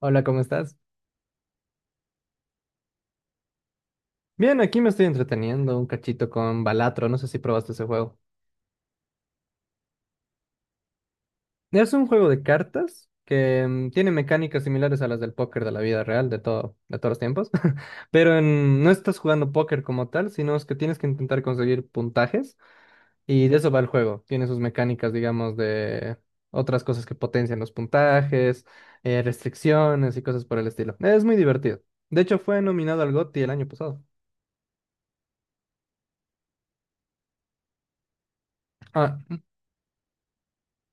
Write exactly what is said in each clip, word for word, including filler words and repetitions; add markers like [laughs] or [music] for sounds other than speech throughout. Hola, ¿cómo estás? Bien, aquí me estoy entreteniendo un cachito con Balatro, no sé si probaste ese juego. Es un juego de cartas que mm, tiene mecánicas similares a las del póker de la vida real, de todo, de todos los tiempos, [laughs] pero en- no estás jugando póker como tal, sino es que tienes que intentar conseguir puntajes y de eso va el juego. Tiene sus mecánicas, digamos, de otras cosas que potencian los puntajes, eh, restricciones y cosas por el estilo. Es muy divertido. De hecho, fue nominado al GOTY el año pasado. Ah.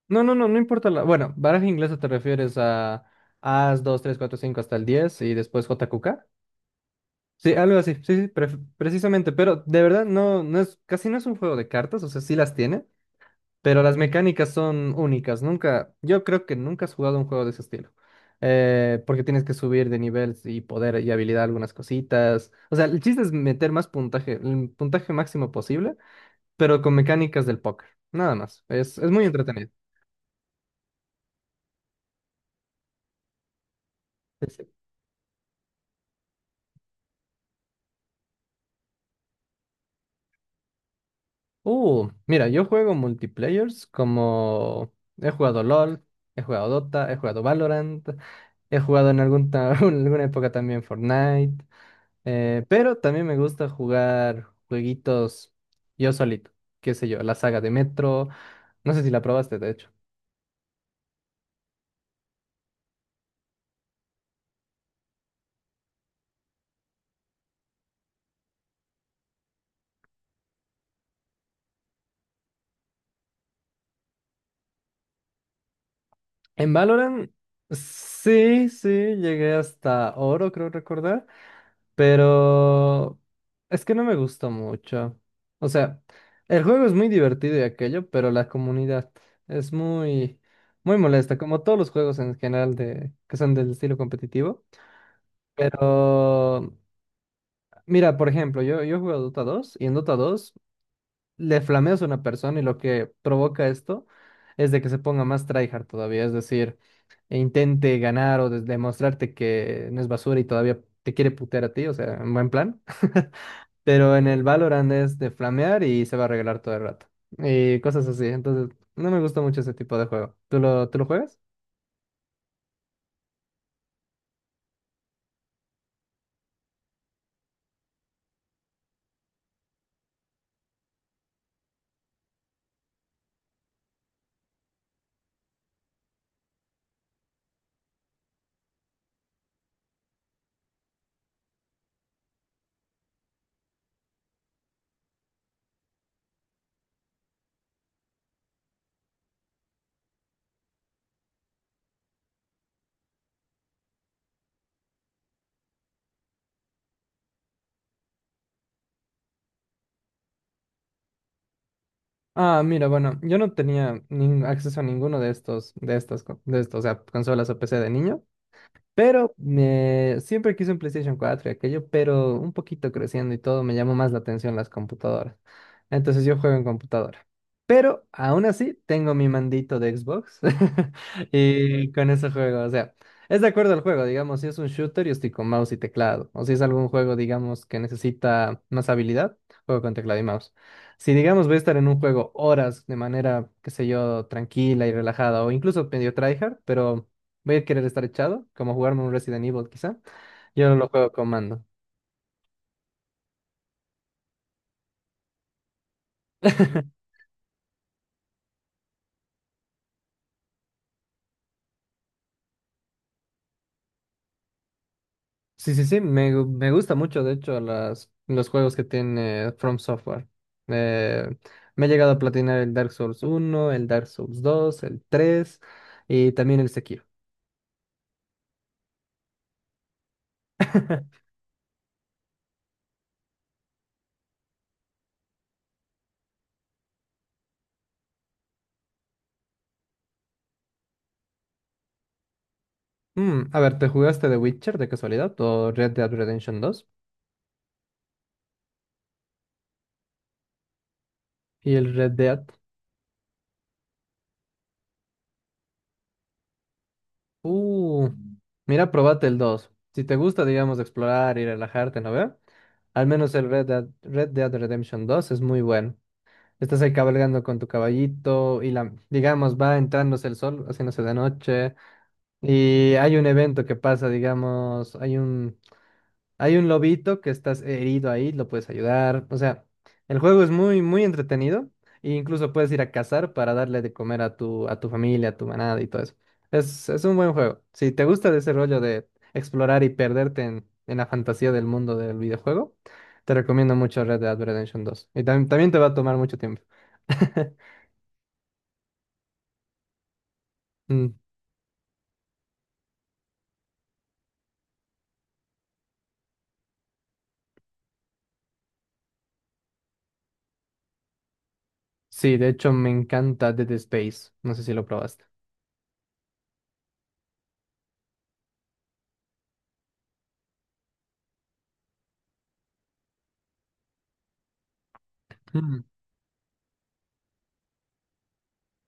No, no, no, no importa la. Bueno, baraja inglesa te refieres a As, dos, tres, cuatro, cinco, hasta el diez y después J, Q, K. Sí, algo así, sí, sí, pre- precisamente, pero de verdad no, no es, casi no es un juego de cartas, o sea, sí las tiene, pero las mecánicas son únicas, nunca, yo creo que nunca has jugado un juego de ese estilo, eh, porque tienes que subir de nivel y poder y habilidad algunas cositas, o sea, el chiste es meter más puntaje, el puntaje máximo posible, pero con mecánicas del póker, nada más, es, es muy entretenido. Sí, sí. Uh, mira, yo juego multiplayers como he jugado LOL, he jugado Dota, he jugado Valorant, he jugado en algún ta- [laughs] en alguna época también Fortnite, eh, pero también me gusta jugar jueguitos yo solito, qué sé yo, la saga de Metro, no sé si la probaste de hecho. En Valorant, sí, sí, llegué hasta oro, creo recordar. Pero es que no me gusta mucho. O sea, el juego es muy divertido y aquello, pero la comunidad es muy, muy molesta, como todos los juegos en general de, que son del estilo competitivo. Pero mira, por ejemplo, yo, yo juego a Dota dos y en Dota dos le flameas a una persona y lo que provoca esto es de que se ponga más tryhard todavía, es decir, e intente ganar o des- demostrarte que no es basura y todavía te quiere putear a ti, o sea, en buen plan. [laughs] Pero en el Valorant es de flamear y se va a regalar todo el rato. Y cosas así. Entonces, no me gusta mucho ese tipo de juego. ¿Tú lo, tú lo juegas? Ah, mira, bueno, yo no tenía nin- acceso a ninguno de estos, de estas, co- de estos, o sea, consolas o P C de niño. Pero me- siempre quise un PlayStation cuatro y aquello, pero un poquito creciendo y todo, me llamó más la atención las computadoras. Entonces yo juego en computadora. Pero aún así tengo mi mandito de Xbox [laughs] y con eso juego. O sea, es de acuerdo al juego, digamos, si es un shooter, yo estoy con mouse y teclado. O si es algún juego, digamos, que necesita más habilidad, juego con teclado y mouse. Si, digamos, voy a estar en un juego horas de manera, qué sé yo, tranquila y relajada o incluso medio tryhard, pero voy a querer estar echado, como jugarme un Resident Evil quizá. Yo no lo juego con mando. [laughs] Sí, sí, sí, me, gu- me gusta mucho, de hecho, las, los juegos que tiene From Software. Eh, me he llegado a platinar el Dark Souls uno el Dark Souls dos el tres y también el Sekiro. [laughs] Mm, a ver, ¿te jugaste The Witcher de casualidad o Red Dead Redemption dos? Y el Red Dead. Uh, mira, probate el dos. Si te gusta, digamos, explorar y relajarte, ¿no ve? Al menos el Red Dead, Red Dead Redemption dos es muy bueno. Estás ahí cabalgando con tu caballito y la, digamos, va entrándose el sol, haciéndose de noche. Y hay un evento que pasa, digamos, hay un hay un lobito que estás herido ahí, lo puedes ayudar. O sea, el juego es muy, muy entretenido. E incluso puedes ir a cazar para darle de comer a tu, a tu familia, a tu manada y todo eso. Es, es un buen juego. Si te gusta de ese rollo de explorar y perderte en, en la fantasía del mundo del videojuego, te recomiendo mucho Red Dead Redemption dos. Y tam- también te va a tomar mucho tiempo. [laughs] Mm, sí, de hecho me encanta Dead Space. No sé si lo probaste.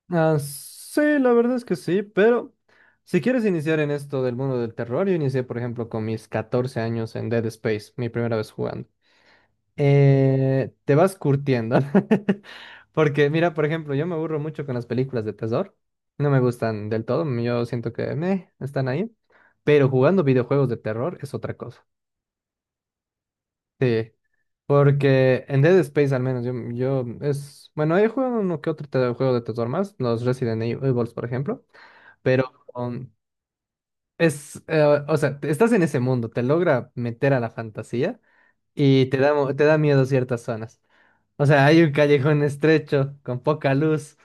Ah, sí, la verdad es que sí, pero si quieres iniciar en esto del mundo del terror, yo inicié, por ejemplo, con mis catorce años en Dead Space, mi primera vez jugando. Eh, te vas curtiendo. ¿No? [laughs] Porque, mira, por ejemplo, yo me aburro mucho con las películas de terror. No me gustan del todo, yo siento que me están ahí. Pero jugando videojuegos de terror es otra cosa. Sí. Porque en Dead Space al menos yo, yo es... bueno, he jugado uno que otro te- juego de terror más, los Resident Evil, por ejemplo. Pero um, es, eh, o sea, te- estás en ese mundo, te logra meter a la fantasía y te da, mo- te da miedo ciertas zonas. O sea, hay un callejón estrecho, con poca luz,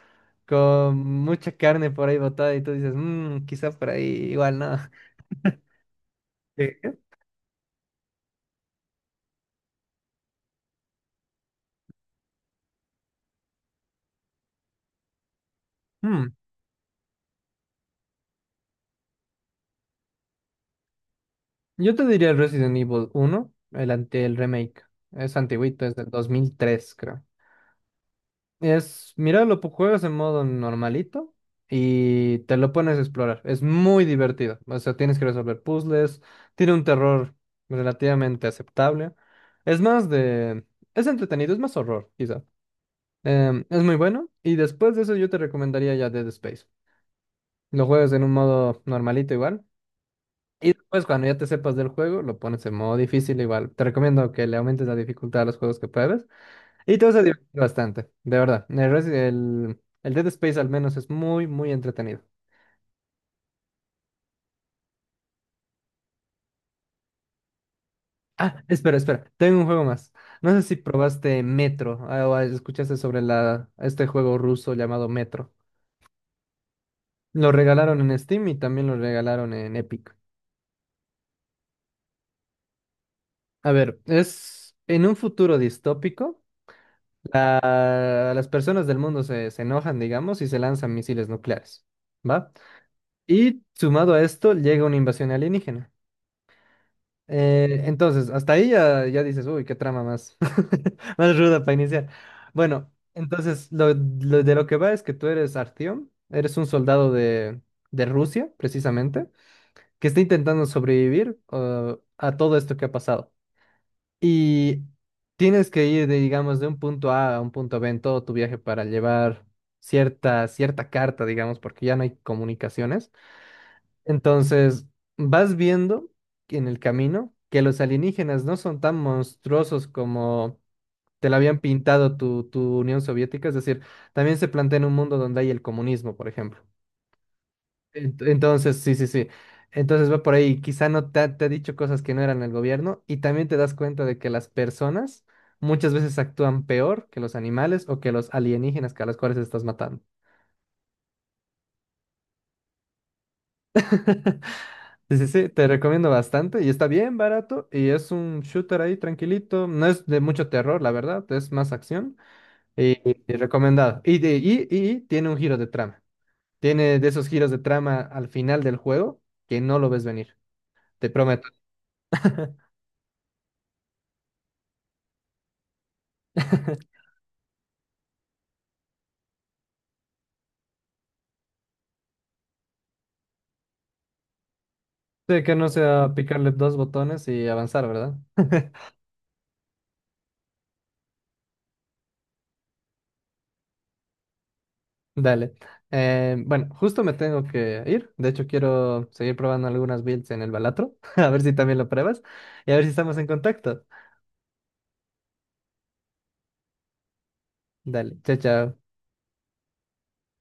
con mucha carne por ahí botada y tú dices, mmm, quizá por ahí igual no. Sí. Mm, Yo te diría el Resident Evil uno, el, ante- el remake. Es antiguito, es del dos mil tres creo. Es, mira, lo pu- juegas en modo normalito y te lo pones a explorar. Es muy divertido. O sea, tienes que resolver puzzles. Tiene un terror relativamente aceptable. Es más de... Es entretenido, es más horror, quizá. Em, es muy bueno. Y después de eso yo te recomendaría ya Dead Space. Lo juegas en un modo normalito igual. Y después cuando ya te sepas del juego, lo pones en modo difícil igual. Te recomiendo que le aumentes la dificultad a los juegos que pruebes. Y todo se divierte bastante, de verdad. El, res- el, el Dead Space al menos es muy, muy entretenido. Ah, espera, espera, tengo un juego más. No sé si probaste Metro ah, o escuchaste sobre la, este juego ruso llamado Metro. Lo regalaron en Steam y también lo regalaron en Epic. A ver, es en un futuro distópico, la- las personas del mundo se, se enojan, digamos, y se lanzan misiles nucleares, ¿va? Y sumado a esto llega una invasión alienígena. Eh, entonces, hasta ahí ya, ya, dices, uy, qué trama más, [laughs] más ruda para iniciar. Bueno, entonces, lo, lo- de lo que va es que tú eres Artyom, eres un soldado de, de Rusia, precisamente, que está intentando sobrevivir uh, a todo esto que ha pasado. Y tienes que ir, de, digamos, de un punto A a un punto B en todo tu viaje para llevar cierta, cierta carta, digamos, porque ya no hay comunicaciones. Entonces, vas viendo en el camino que los alienígenas no son tan monstruosos como te lo habían pintado tu, tu Unión Soviética, es decir, también se plantea en un mundo donde hay el comunismo, por ejemplo. Ent- Entonces, sí, sí, sí. Entonces va por ahí, quizá no te ha, te ha dicho cosas que no eran el gobierno y también te das cuenta de que las personas muchas veces actúan peor que los animales o que los alienígenas que a los cuales estás matando. [laughs] Sí, sí, sí, te recomiendo bastante y está bien barato y es un shooter ahí tranquilito, no es de mucho terror, la verdad, es más acción y, y recomendado. Y, de- y, y y tiene un giro de trama, tiene de esos giros de trama al final del juego que no lo ves venir, te prometo. [laughs] Sí, que no sea picarle dos botones y avanzar, ¿verdad? [laughs] Dale. Eh, bueno, justo me tengo que ir. De hecho, quiero seguir probando algunas builds en el Balatro. [laughs] A ver si también lo pruebas. Y a ver si estamos en contacto. Dale, chao, chao.